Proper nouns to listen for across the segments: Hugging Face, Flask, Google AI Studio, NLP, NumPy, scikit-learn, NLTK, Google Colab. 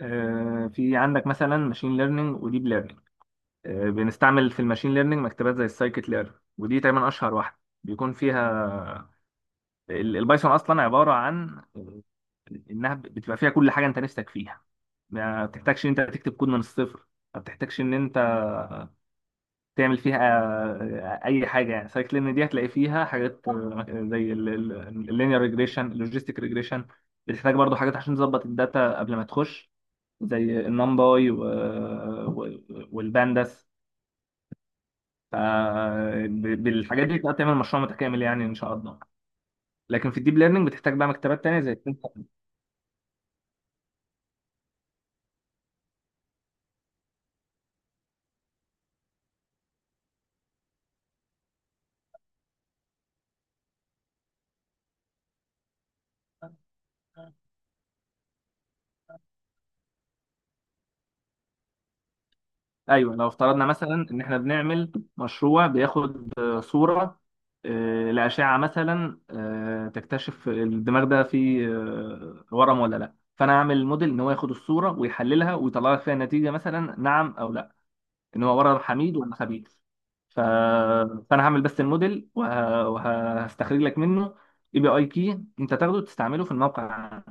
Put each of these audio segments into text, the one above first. في عندك مثلا ماشين ليرنينج وديب ليرنينج. بنستعمل في الماشين ليرنينج مكتبات زي السايكيت ليرن، ودي تقريبا اشهر واحده بيكون فيها البايثون اصلا عباره عن انها بتبقى فيها كل حاجه انت نفسك فيها. ما بتحتاجش ان انت تكتب كود من الصفر، ما بتحتاجش ان انت تعمل فيها اي حاجه، يعني سايكل ليرن دي هتلاقي فيها حاجات زي اللينير ريجريشن اللوجيستيك ريجريشن. بتحتاج برضو حاجات عشان تظبط الداتا قبل ما تخش، زي النمباي و... والبانداس. ف- بالحاجات دي تقدر تعمل مشروع متكامل يعني ان شاء الله. لكن في الديب ليرنينج بتحتاج بقى مكتبات تانية زي ايوه، لو افترضنا مثلا ان احنا بنعمل مشروع بياخد صورة لأشعة مثلا، تكتشف الدماغ ده فيه ورم ولا لا، فانا اعمل موديل ان هو ياخد الصورة ويحللها ويطلع لك فيها نتيجة، مثلا نعم او لا، ان هو عباره عن حميد ولا خبيث. ف... فانا هعمل بس الموديل وهستخرج لك منه اي بي اي كي انت تاخده تستعمله في الموقع.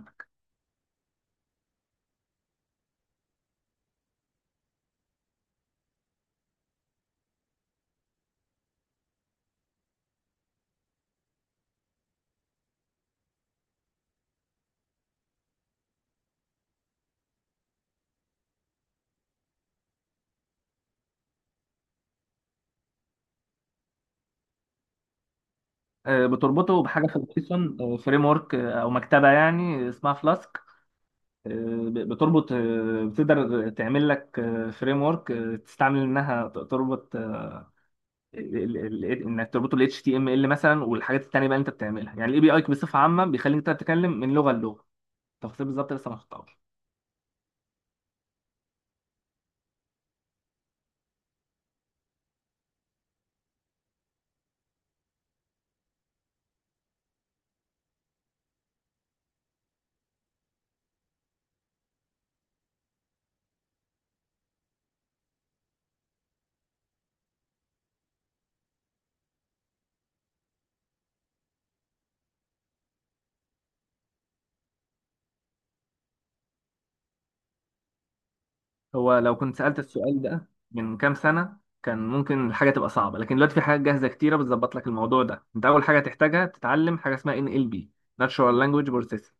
بتربطه بحاجه في البايثون فريم ورك او مكتبه يعني اسمها فلاسك، بتربط بتقدر تعمل لك فريم ورك تستعمل انها تربط ال- ال- انك تربطه ال HTML مثلا والحاجات التانيه بقى اللي انت بتعملها، يعني الاي بي اي بصفه عامه بيخليك انت تتكلم من لغه للغه. تفاصيل بالظبط لسه ما خدتهاش. هو لو كنت سألت السؤال ده من كام سنة كان ممكن الحاجة تبقى صعبة، لكن دلوقتي في حاجات جاهزة كتيرة بتظبط لك الموضوع ده. انت أول حاجة تحتاجها تتعلم حاجة اسمها NLP، Natural Language Processing.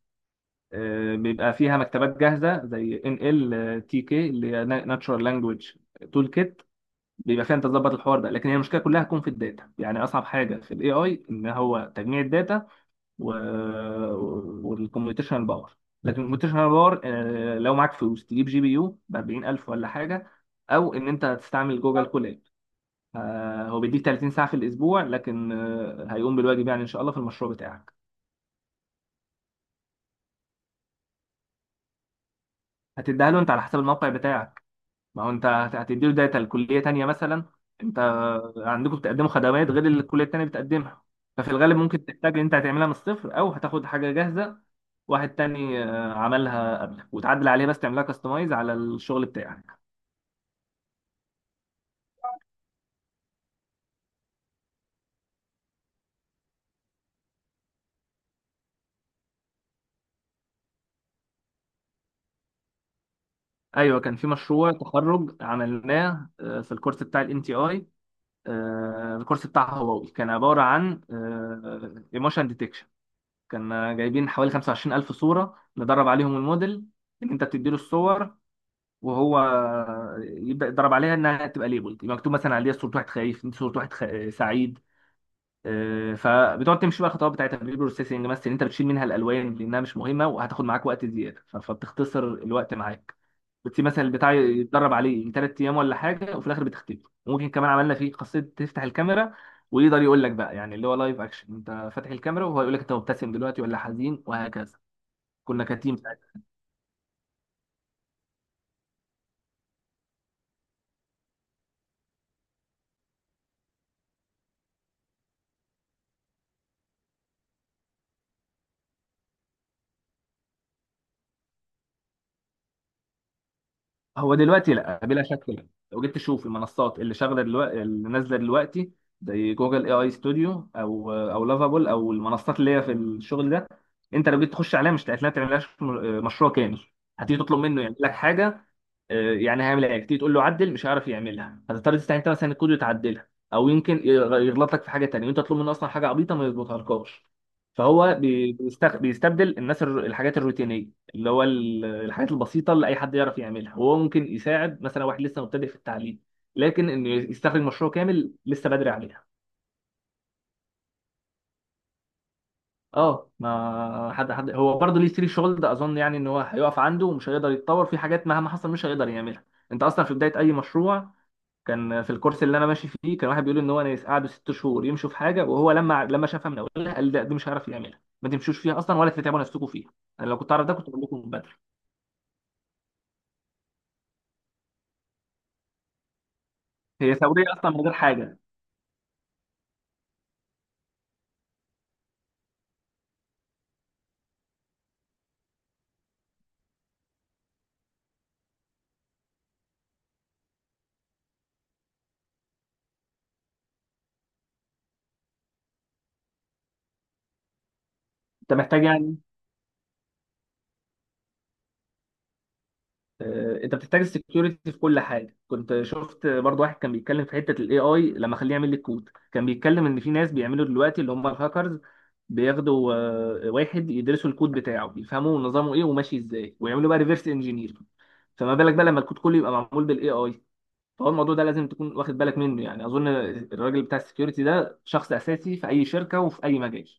بيبقى فيها مكتبات جاهزة زي NLTK، اللي هي Natural Language Toolkit، بيبقى فيها انت تظبط الحوار ده. لكن هي المشكلة كلها تكون في الداتا، يعني أصعب حاجة في ال AI إن هو تجميع الداتا و... والكمبيوتيشنال باور. لكن الكمبيوتيشنال باور لو معاك فلوس تجيب جي بي يو ب 40,000 ولا حاجه، او ان انت تستعمل جوجل كولاب. هو بيديك 30 ساعه في الاسبوع، لكن هيقوم بالواجب يعني ان شاء الله في المشروع بتاعك. هتديها له انت على حسب الموقع بتاعك، ما هو انت هتديله داتا لكليه تانيه مثلا. انت عندكم بتقدموا خدمات غير اللي الكليه التانيه بتقدمها، ففي الغالب ممكن تحتاج ان انت هتعملها من الصفر او هتاخد حاجه جاهزه، واحد تاني عملها قبلك، وتعدل عليها بس تعملها كاستمايز على الشغل بتاعك. ايوه كان في مشروع تخرج عملناه في الكورس بتاع الان تي اي، الكورس بتاع هواوي، كان عباره عن ايموشن ديتكشن. كان جايبين حوالي 25,000 صوره ندرب عليهم الموديل، ان انت بتديله الصور وهو يبدا يضرب عليها انها تبقى ليبل، يبقى مكتوب مثلا عليها صوره واحد خايف، صوره واحد سعيد. فبتقعد تمشي بقى الخطوات بتاعتها بالبيبر بروسيسنج، مثلا إن انت بتشيل منها الالوان لانها مش مهمه وهتاخد معاك وقت زياده، فبتختصر الوقت معاك. بتسيب مثلا البتاع يتدرب عليه ثلاث ايام ولا حاجه وفي الاخر بتختفي. وممكن كمان عملنا فيه خاصيه تفتح الكاميرا، ويقدر يقول لك بقى يعني اللي هو لايف اكشن، انت فاتح الكاميرا وهو يقول لك انت مبتسم دلوقتي ولا حزين وهكذا. كنا كتيم. هو دلوقتي لا بلا شك لا. لو جيت تشوف المنصات اللي شغاله دلوقتي اللي نازله دلوقتي، زي جوجل اي اي ستوديو او لافابول او المنصات اللي هي في الشغل ده، انت لو جيت تخش عليها مش هتلاقي تعملهاش مشروع كامل. هتيجي تطلب منه يعمل لك حاجه، يعني هيعمل ايه، تيجي تقول له عدل مش هيعرف يعملها، هتضطر تستعين انت مثلا الكود وتعدلها، او يمكن يغلط لك في حاجه تانيه وانت تطلب منه اصلا حاجه عبيطه ما يظبطهالكاش. فهو بيستبدل الناس الحاجات الروتينيه، اللي هو الحاجات البسيطه اللي اي حد يعرف يعملها، وهو ممكن يساعد مثلا واحد لسه مبتدئ في التعليم، لكن انه يستخرج مشروع كامل لسه بدري عليها. اه ما حد، هو برضه ليه سري شغل ده اظن، يعني ان هو هيقف عنده ومش هيقدر يتطور في حاجات، مهما حصل مش هيقدر يعملها. انت اصلا في بدايه اي مشروع، كان في الكورس اللي انا ماشي فيه كان واحد بيقول ان هو ناس قعدوا ست شهور يمشوا في حاجه، وهو لما شافها من اولها قال لا دي مش هيعرف يعملها، ما تمشوش فيها اصلا ولا تتعبوا نفسكم فيها، انا لو كنت اعرف ده كنت اقول لكم من بدري. هي ثوريه اصلا من غير حاجه. انت محتاج يعني انت بتحتاج السكيورتي في كل حاجه. كنت شفت برضو واحد كان بيتكلم في حته الاي اي، لما خليه يعمل لي كود كان بيتكلم ان في ناس بيعملوا دلوقتي اللي هم الهاكرز، بياخدوا واحد يدرسوا الكود بتاعه يفهموا نظامه ايه وماشي ازاي، ويعملوا بقى ريفرس انجينير، فما بالك بقى لما الكود كله يبقى معمول بالاي اي. فهو الموضوع ده لازم تكون واخد بالك منه، يعني اظن الراجل بتاع السكيورتي ده شخص اساسي في اي شركه وفي اي مجال.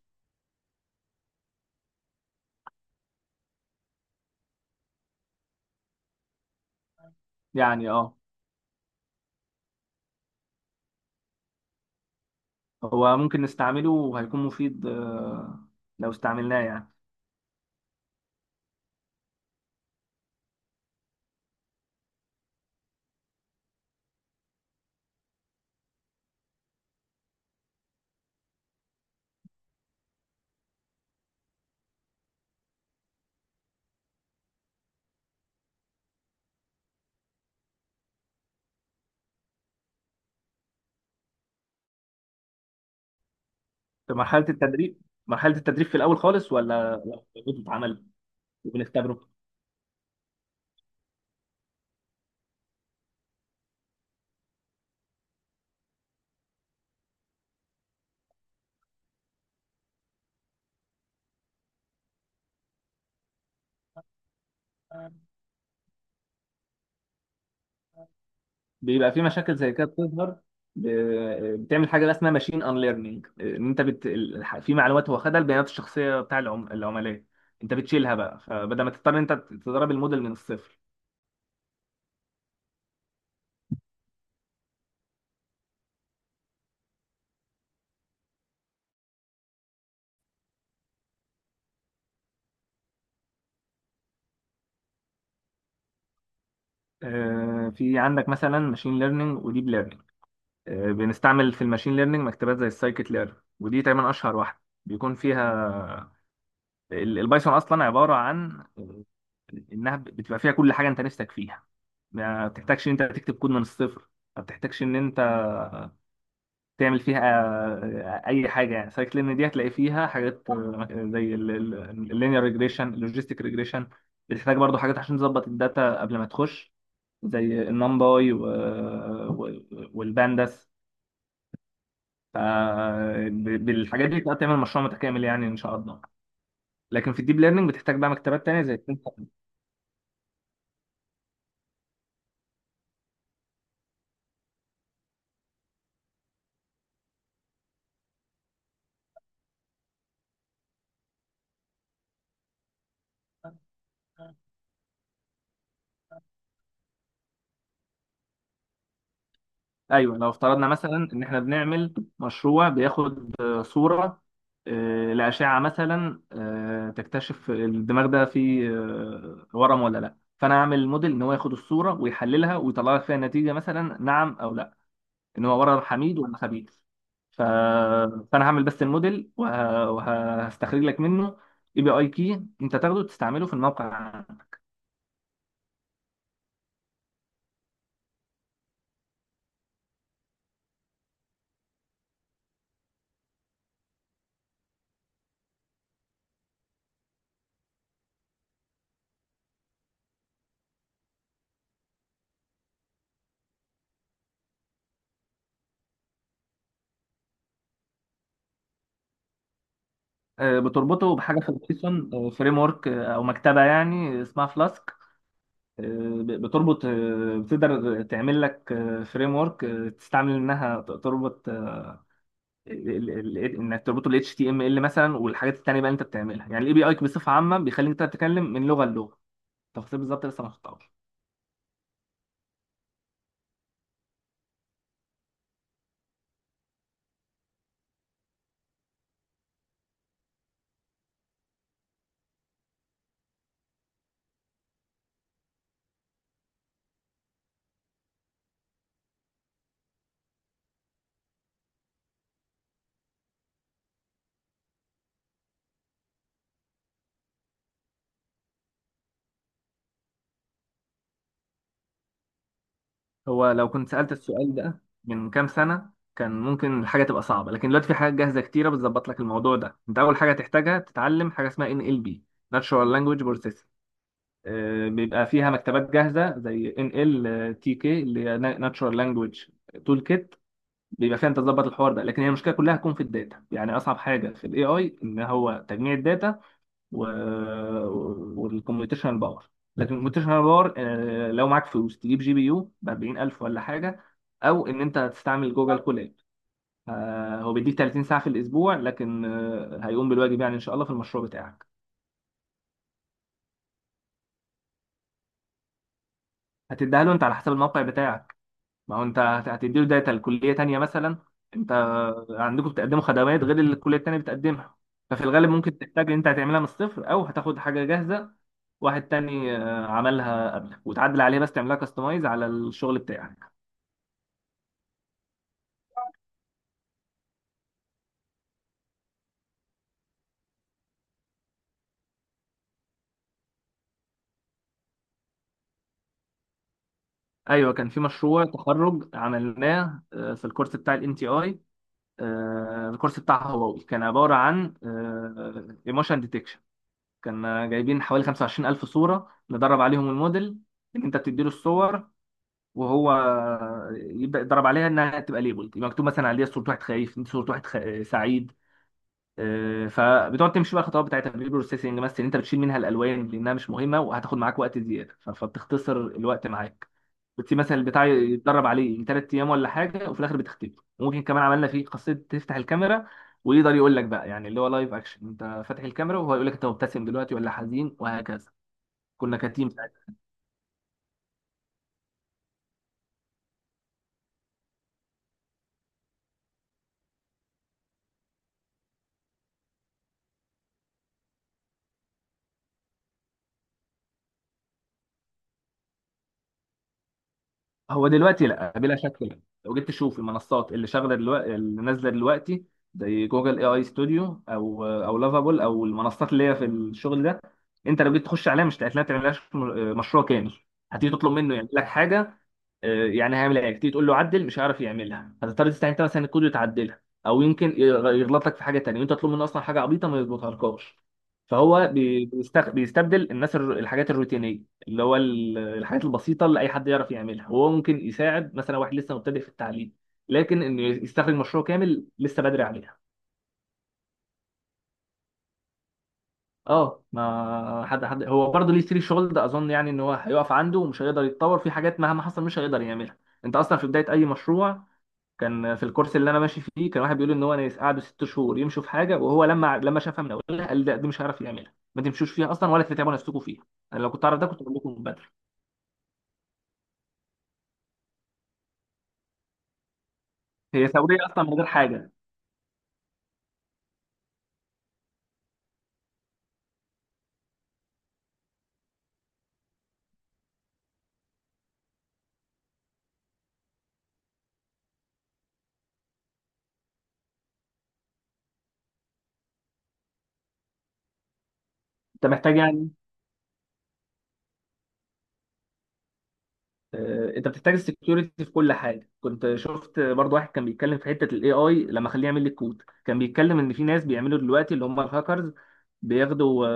يعني اه هو ممكن نستعمله وهيكون مفيد لو استعملناه يعني. في مرحلة التدريب، مرحلة التدريب في الأول خالص ولا لو بتتعمل وبنختبره بيبقى في مشاكل زي كده بتظهر. بتعمل حاجة بقى اسمها ماشين ان ليرنينج، ان انت في معلومات هو خدها البيانات الشخصية بتاع العملاء، انت بتشيلها بقى، فبدل ما تضطر انت تدرب الموديل من الصفر. في عندك مثلا ماشين ليرنينج وديب ليرنينج. بنستعمل في الماشين ليرنينج مكتبات زي السايكت ليرن، ودي تقريبا اشهر واحدة بيكون فيها البايثون اصلا عباره عن انها بتبقى فيها كل حاجه انت نفسك فيها. ما بتحتاجش ان انت تكتب كود من الصفر، ما بتحتاجش ان انت تعمل فيها اي حاجه، يعني سايكل ليرن دي هتلاقي فيها حاجات زي اللينير ريجريشن اللوجيستيك ريجريشن. بتحتاج برضو حاجات عشان تظبط الداتا قبل ما تخش، زي النمباي والبانداس. ف- بالحاجات دي تقدر تعمل مشروع متكامل يعني ان شاء الله. لكن في الديب ليرنينج بتحتاج بقى مكتبات تانية زي ايوه، لو افترضنا مثلا ان احنا بنعمل مشروع بياخد صوره لاشعه مثلا، تكتشف الدماغ ده فيه ورم ولا لا، فانا اعمل موديل ان هو ياخد الصوره ويحللها ويطلع لك فيها نتيجه، مثلا نعم او لا، ان هو ورم حميد ولا خبيث. ف... فانا هعمل بس الموديل وهستخرج لك منه اي بي اي كي انت تاخده تستعمله في الموقع. بتربطه بحاجه في البايثون فريم ورك او framework، آه، أو مكتبه يعني اسمها فلاسك. بتربط بتقدر تعمل لك فريم ورك تستعمل انها تربط انك تربطه ال HTML مثلا والحاجات التانية بقى اللي انت بتعملها، يعني الاي بي اي بصفة عامة بيخليك انت تتكلم من لغة للغة. تفاصيل بالظبط لسه ما خطأش. هو لو كنت سألت السؤال ده من كام سنة كان ممكن الحاجة تبقى صعبة، لكن دلوقتي في حاجات جاهزة كتيرة بتظبط لك الموضوع ده. انت اول حاجة تحتاجها تتعلم حاجة اسمها NLP، Natural Language Processing. بيبقى فيها مكتبات جاهزه زي ان ال تي كي، اللي هي ناتشورال لانجويج تول كيت، بيبقى فيها انت تظبط الحوار ده. لكن هي المشكله كلها هتكون في الداتا، يعني اصعب حاجه في الاي اي ان هو تجميع الداتا و... والكمبيوتيشنال باور. لكن الكمبيوتيشنال باور لو معاك فلوس تجيب جي بي يو ب 40,000 ولا حاجه، او ان انت تستعمل جوجل كولاب. هو بيديك 30 ساعه في الاسبوع، لكن هيقوم بالواجب يعني ان شاء الله في المشروع بتاعك. هتديها له انت على حسب الموقع بتاعك، ما هو انت هتديله داتا لكليه تانيه مثلا. انت عندكم بتقدموا خدمات غير اللي الكليه التانيه بتقدمها، ففي الغالب ممكن تحتاج ان انت هتعملها من الصفر او هتاخد حاجه جاهزه، واحد تاني عملها قبلك، وتعدل عليها بس تعملها كاستمايز على الشغل بتاعك. ايوه كان في مشروع تخرج عملناه في الكورس بتاع الان تي اي، الكورس بتاع هواوي، كان عباره عن ايموشن ديتكشن. كان جايبين حوالي 25,000 صوره ندرب عليهم الموديل، ان انت بتديله الصور وهو يبدا يضرب عليها انها تبقى ليبل، يبقى مكتوب مثلا عليها صوره واحد خايف، صوره واحد سعيد. فبتقعد تمشي بقى الخطوات بتاعتها بالبيبر بروسيسنج، مثلا إن انت بتشيل منها الالوان لانها مش مهمه وهتاخد معاك وقت زياده، فبتختصر الوقت معاك. بتسيب مثلا البتاع يتدرب عليه ثلاث ايام ولا حاجه وفي الاخر بتختفي. وممكن كمان عملنا فيه خاصيه تفتح الكاميرا، ويقدر يقول لك بقى يعني اللي هو لايف اكشن، انت فاتح الكاميرا وهو يقول لك انت مبتسم دلوقتي ولا حزين وهكذا. كنا كتيم. هو دلوقتي لا بلا شك لا. لو جيت تشوف المنصات اللي شغاله دلوقتي اللي نازله دلوقتي، زي جوجل اي اي ستوديو او لافابول او المنصات اللي هي في الشغل ده، انت لو جيت تخش عليها مش هتلاقيها تعملهاش مشروع كامل. هتيجي تطلب منه يعمل لك حاجه، يعني هيعمل ايه، تيجي تقول له عدل مش هيعرف يعملها، هتضطر تستعين انت مثلا الكود وتعدلها، او يمكن يغلط لك في حاجه تانيه وانت تطلب منه اصلا حاجه عبيطه ما يظبطهالكاش. فهو بيستبدل الناس الحاجات الروتينيه، اللي هو الحاجات البسيطه اللي اي حد يعرف يعملها، وهو ممكن يساعد مثلا واحد لسه مبتدئ في التعليم، لكن انه يستخرج مشروع كامل لسه بدري عليها. اه ما حد، هو برضه ليه سري شغل ده اظن، يعني ان هو هيقف عنده ومش هيقدر يتطور في حاجات، مهما حصل مش هيقدر يعملها. انت اصلا في بدايه اي مشروع، كان في الكورس اللي انا ماشي فيه كان واحد بيقول ان هو ناس قعدوا ست شهور يمشوا في حاجه، وهو لما شافها من اولها قال لا دي مش هيعرف يعملها، ما تمشوش فيها اصلا ولا تتعبوا نفسكم فيها، انا لو كنت اعرف ده كنت اقول لكم من بدري. هي ثوريه اصلا من غير حاجه. انت محتاج يعني انت بتحتاج السكيورتي في كل حاجه. كنت شفت برضو واحد كان بيتكلم في حته الاي اي، لما خليه يعمل لي كود كان بيتكلم ان في ناس بيعملوا دلوقتي اللي هم الهاكرز، بياخدوا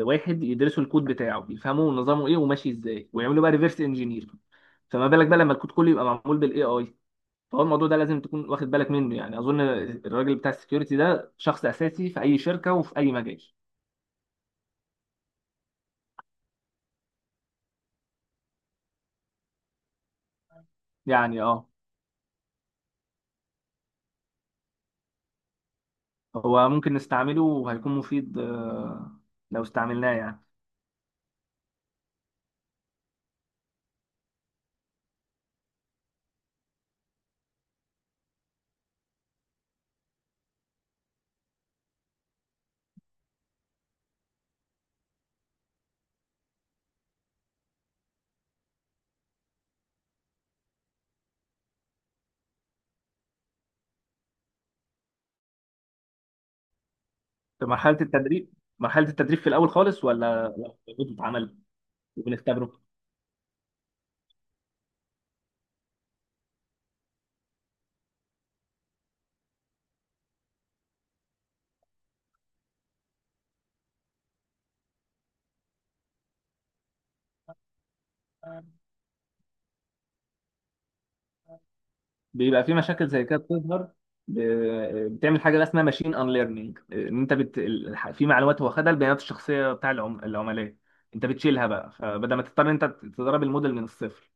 واحد يدرسوا الكود بتاعه يفهموا نظامه ايه وماشي ازاي، ويعملوا بقى ريفرس انجينير، فما بالك بقى لما الكود كله يبقى معمول بالاي اي. فهو الموضوع ده لازم تكون واخد بالك منه، يعني اظن الراجل بتاع السكيورتي ده شخص اساسي في اي شركه وفي اي مجال. يعني اه هو ممكن نستعمله وهيكون مفيد لو استعملناه يعني. في مرحلة التدريب، مرحلة التدريب في الأول خالص ولا بتتعمل وبنختبره بيبقى في مشاكل زي كده بتظهر. بتعمل حاجة بقى اسمها ماشين ان ليرنينج، ان انت في معلومات هو خدها البيانات الشخصية بتاع العملاء، انت بتشيلها بقى، فبدل ما تضطر إن انت تدرب الموديل من الصفر.